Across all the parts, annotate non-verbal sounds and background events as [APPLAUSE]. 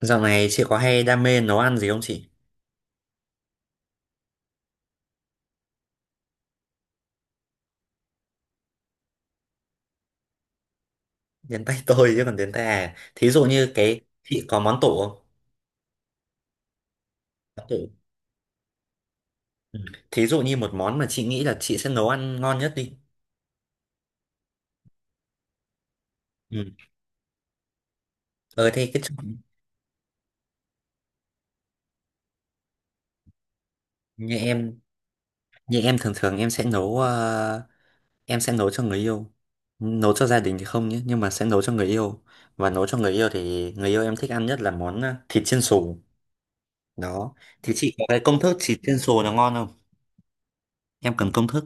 Dạo này chị có hay đam mê nấu ăn gì không chị? Đến tay tôi chứ còn đến tay à. Thí dụ như cái chị có món tủ không? Món tủ. Ừ. Thí dụ như một món mà chị nghĩ là chị sẽ nấu ăn ngon nhất đi. Ừ. Ờ thế cái như em như em thường thường em sẽ nấu em sẽ nấu cho người yêu. Nấu cho gia đình thì không nhé, nhưng mà sẽ nấu cho người yêu. Và nấu cho người yêu thì người yêu em thích ăn nhất là món thịt chiên xù. Đó. Thì chị có cái công thức thịt chiên xù nó ngon không? Em cần công thức.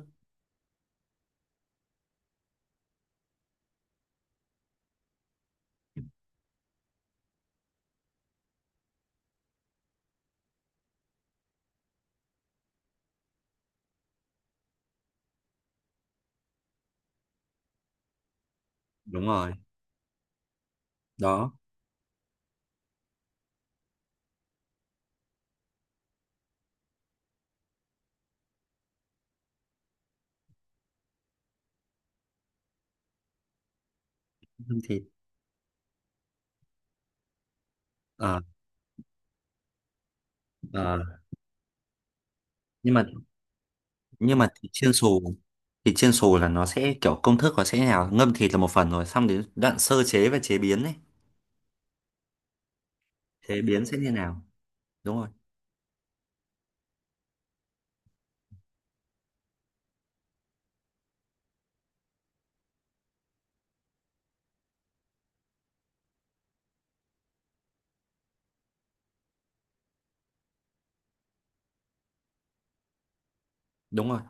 Đúng rồi. Đó. Thịt. Ờ. Ờ, nhưng mà nhưng mà thịt chiên xù là nó sẽ kiểu công thức nó sẽ như nào, ngâm thịt là một phần rồi xong đến đoạn sơ chế và chế biến ấy, chế biến sẽ như nào? Đúng rồi. đúng rồi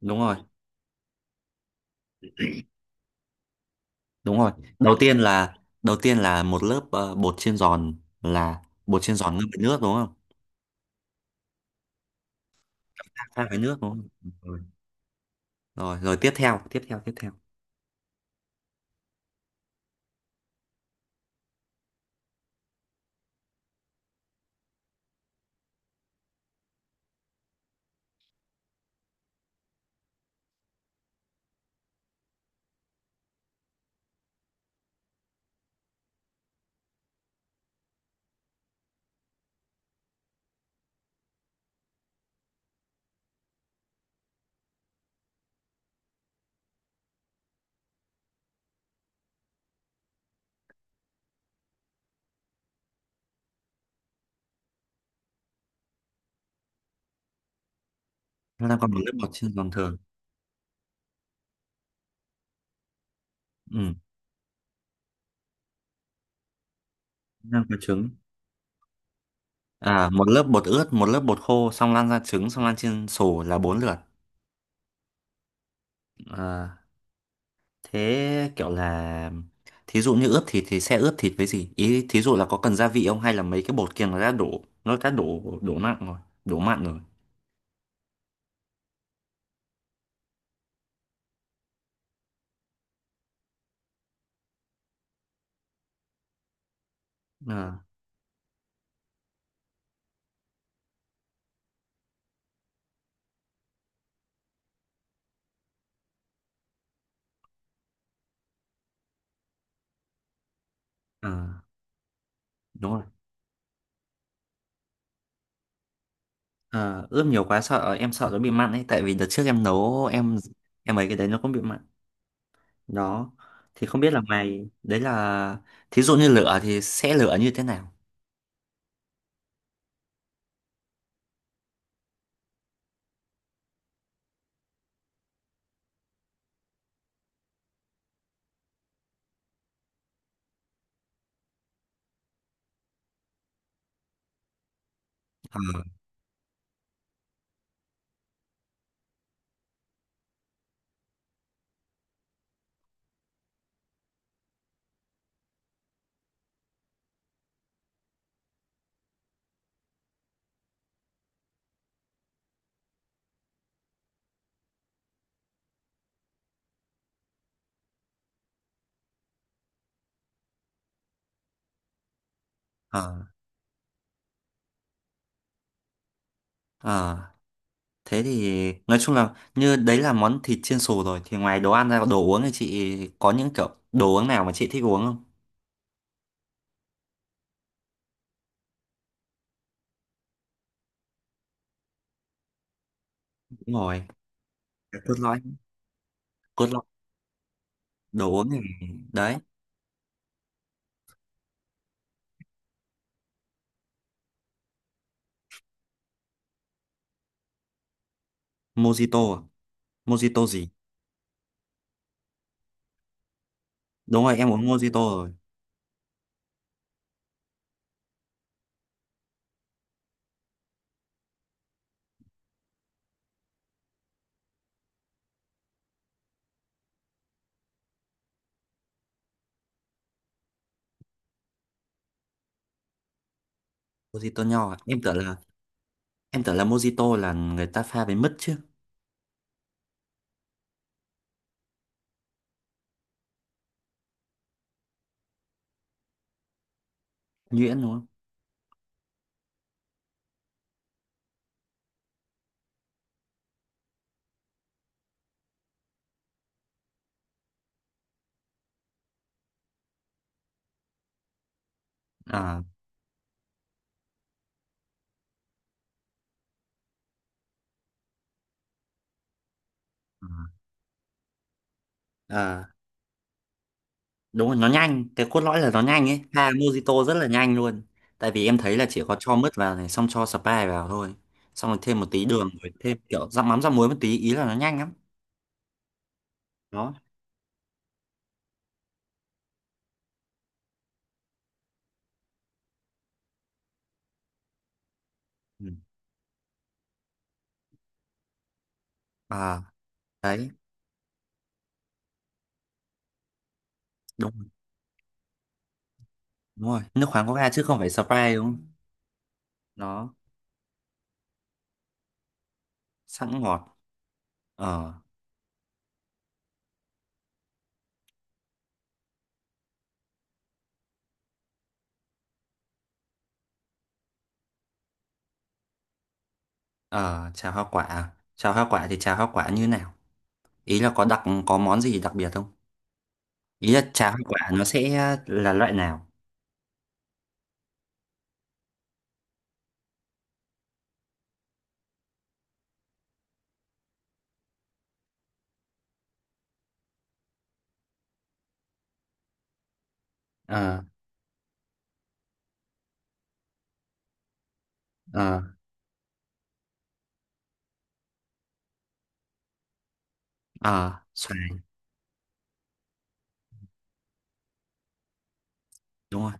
đúng rồi đúng rồi Đầu tiên là một lớp bột chiên giòn, là bột chiên giòn ngâm với nước đúng không, pha với nước đúng không? Rồi. Rồi, tiếp theo. Chúng ta còn một lớp bột chiên giòn thường. Ừ. Chúng ta có trứng. À, một lớp bột ướt, một lớp bột khô, xong lan ra trứng, xong lan chiên xù là bốn lượt. À. Thế kiểu là thí dụ như ướp thịt thì sẽ ướp thịt với gì? Ý thí dụ là có cần gia vị không hay là mấy cái bột kia nó đã đổ đổ mặn rồi, đổ mặn rồi. Ờ ờ, đúng rồi. Ờ, ướp nhiều quá sợ, em sợ nó bị mặn ấy, tại vì đợt trước em nấu em ấy cái đấy nó cũng bị mặn. Đó. Thì không biết là mày đấy là thí dụ như lửa thì sẽ lửa như thế nào? Ờ ờ ờ Thế thì nói chung là như đấy là món thịt chiên xù rồi, thì ngoài đồ ăn ra, đồ uống thì chị có những kiểu đồ uống nào mà chị thích uống không? Đúng rồi, cốt lõi, cốt lõi. Đồ uống thì đấy, mojito, à? Mojito gì? Đúng rồi, em uống mojito rồi. Mojito nho à? Em tưởng là, em tưởng là mojito là người ta pha với mứt chứ, nhuyễn đúng không? À. À, à. Đúng rồi, nó nhanh, cái cốt lõi là nó nhanh ấy, pha mojito rất là nhanh luôn. Tại vì em thấy là chỉ có cho mứt vào này xong cho Sprite vào thôi, xong rồi thêm một tí đường, rồi thêm kiểu rắc mắm rắc muối một tí, ý là nó nhanh lắm. Đó. Ừ. À. Đấy. Đúng, đúng rồi, nước khoáng coca chứ không phải Sprite đúng không? Nó sẵn ngọt. Ờ. Ờ, trà hoa quả à? Trà hoa quả thì trà hoa quả như nào, ý là có đặc có món gì đặc biệt không, ý là trà hoa quả nó sẽ là loại nào? ờ ờ ờ xoài đúng rồi.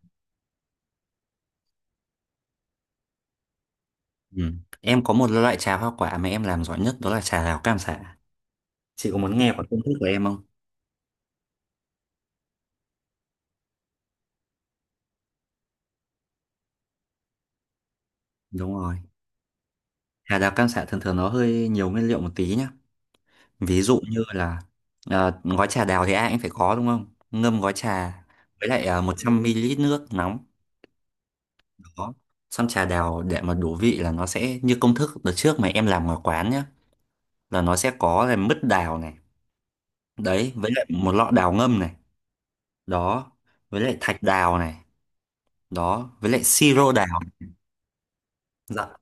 Ừ. Em có một loại trà hoa quả mà em làm giỏi nhất, đó là trà đào cam sả. Chị có muốn nghe qua công thức của em không? Đúng rồi. Trà đào cam sả thường thường nó hơi nhiều nguyên liệu một tí nhá. Ví dụ như là gói trà đào thì ai cũng phải có đúng không? Ngâm gói trà với lại 100ml nước nóng. Đó. Xong trà đào để mà đủ vị là nó sẽ như công thức đợt trước mà em làm ngoài quán nhá. Là nó sẽ có là mứt đào này. Đấy, với lại một lọ đào ngâm này. Đó. Với lại thạch đào này. Đó. Với lại siro đào. Dạ.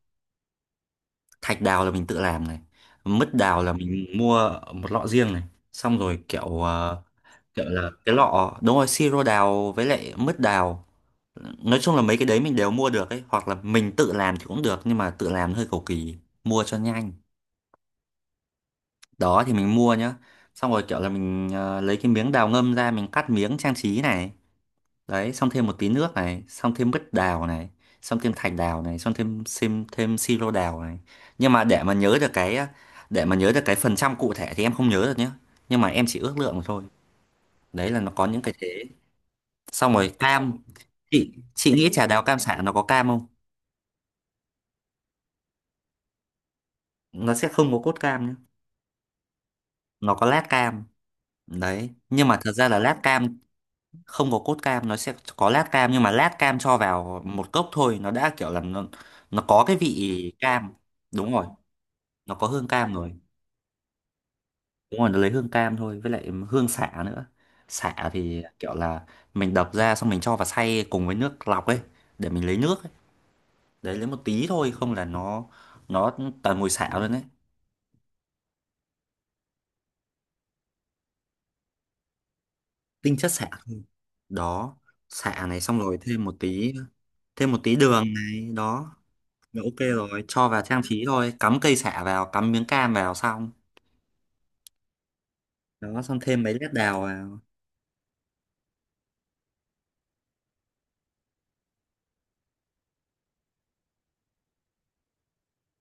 Thạch đào là mình tự làm này, mứt đào là mình mua một lọ riêng này, xong rồi kiểu kiểu là cái lọ, đúng rồi, siro đào với lại mứt đào. Nói chung là mấy cái đấy mình đều mua được ấy, hoặc là mình tự làm thì cũng được nhưng mà tự làm hơi cầu kỳ, mua cho nhanh. Đó thì mình mua nhá. Xong rồi kiểu là mình lấy cái miếng đào ngâm ra mình cắt miếng trang trí này. Đấy xong thêm một tí nước này, xong thêm mứt đào này, xong thêm thạch đào này, xong thêm thêm thêm siro đào này. Nhưng mà để mà nhớ được cái, để mà nhớ được cái phần trăm cụ thể thì em không nhớ được nhé, nhưng mà em chỉ ước lượng thôi. Đấy là nó có những cái thế. Xong rồi cam, chị nghĩ trà đào cam sả nó có cam không? Nó sẽ không có cốt cam nhé, nó có lát cam. Đấy, nhưng mà thật ra là lát cam, không có cốt cam, nó sẽ có lát cam, nhưng mà lát cam cho vào một cốc thôi nó đã kiểu là nó có cái vị cam. Đúng rồi, nó có hương cam rồi. Đúng rồi, nó lấy hương cam thôi, với lại hương xả nữa. Xả thì kiểu là mình đập ra xong mình cho vào xay cùng với nước lọc ấy, để mình lấy nước ấy. Đấy lấy một tí thôi, không là nó toàn mùi xả luôn đấy. Tinh chất xả. Đó, xả này xong rồi thêm một tí, thêm một tí đường này, đó là ok rồi, cho vào trang trí thôi, cắm cây sả vào, cắm miếng cam vào xong. Đó xong thêm mấy lát đào vào.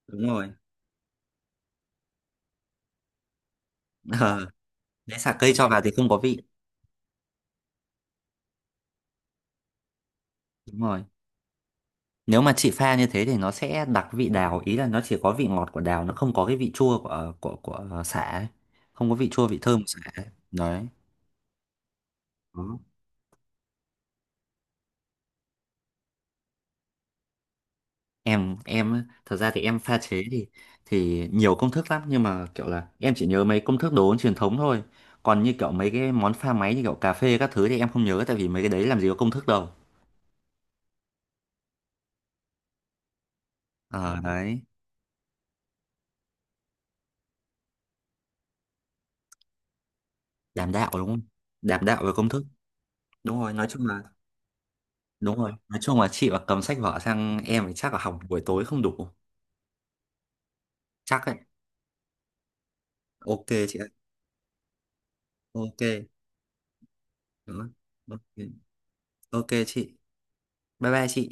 Đúng rồi. [LAUGHS] Ờ, lấy sả cây cho vào thì không có vị. Đúng rồi. Nếu mà chị pha như thế thì nó sẽ đặc vị đào, ý là nó chỉ có vị ngọt của đào, nó không có cái vị chua của sả ấy. Không có vị chua vị thơm của sả ấy. Đấy. Đó. Em á, thật ra thì em pha chế thì nhiều công thức lắm, nhưng mà kiểu là em chỉ nhớ mấy công thức đồ uống truyền thống thôi. Còn như kiểu mấy cái món pha máy như kiểu cà phê các thứ thì em không nhớ, tại vì mấy cái đấy làm gì có công thức đâu. Ờ đấy, đảm đạo đúng không? Đảm đạo về công thức. Đúng rồi, nói chung là đúng rồi. Nói chung là chị mà cầm sách vở sang em thì chắc là học buổi tối không đủ. Chắc ấy. Ok chị ạ. Ok. Đó. Ok. Ok chị. Bye bye chị.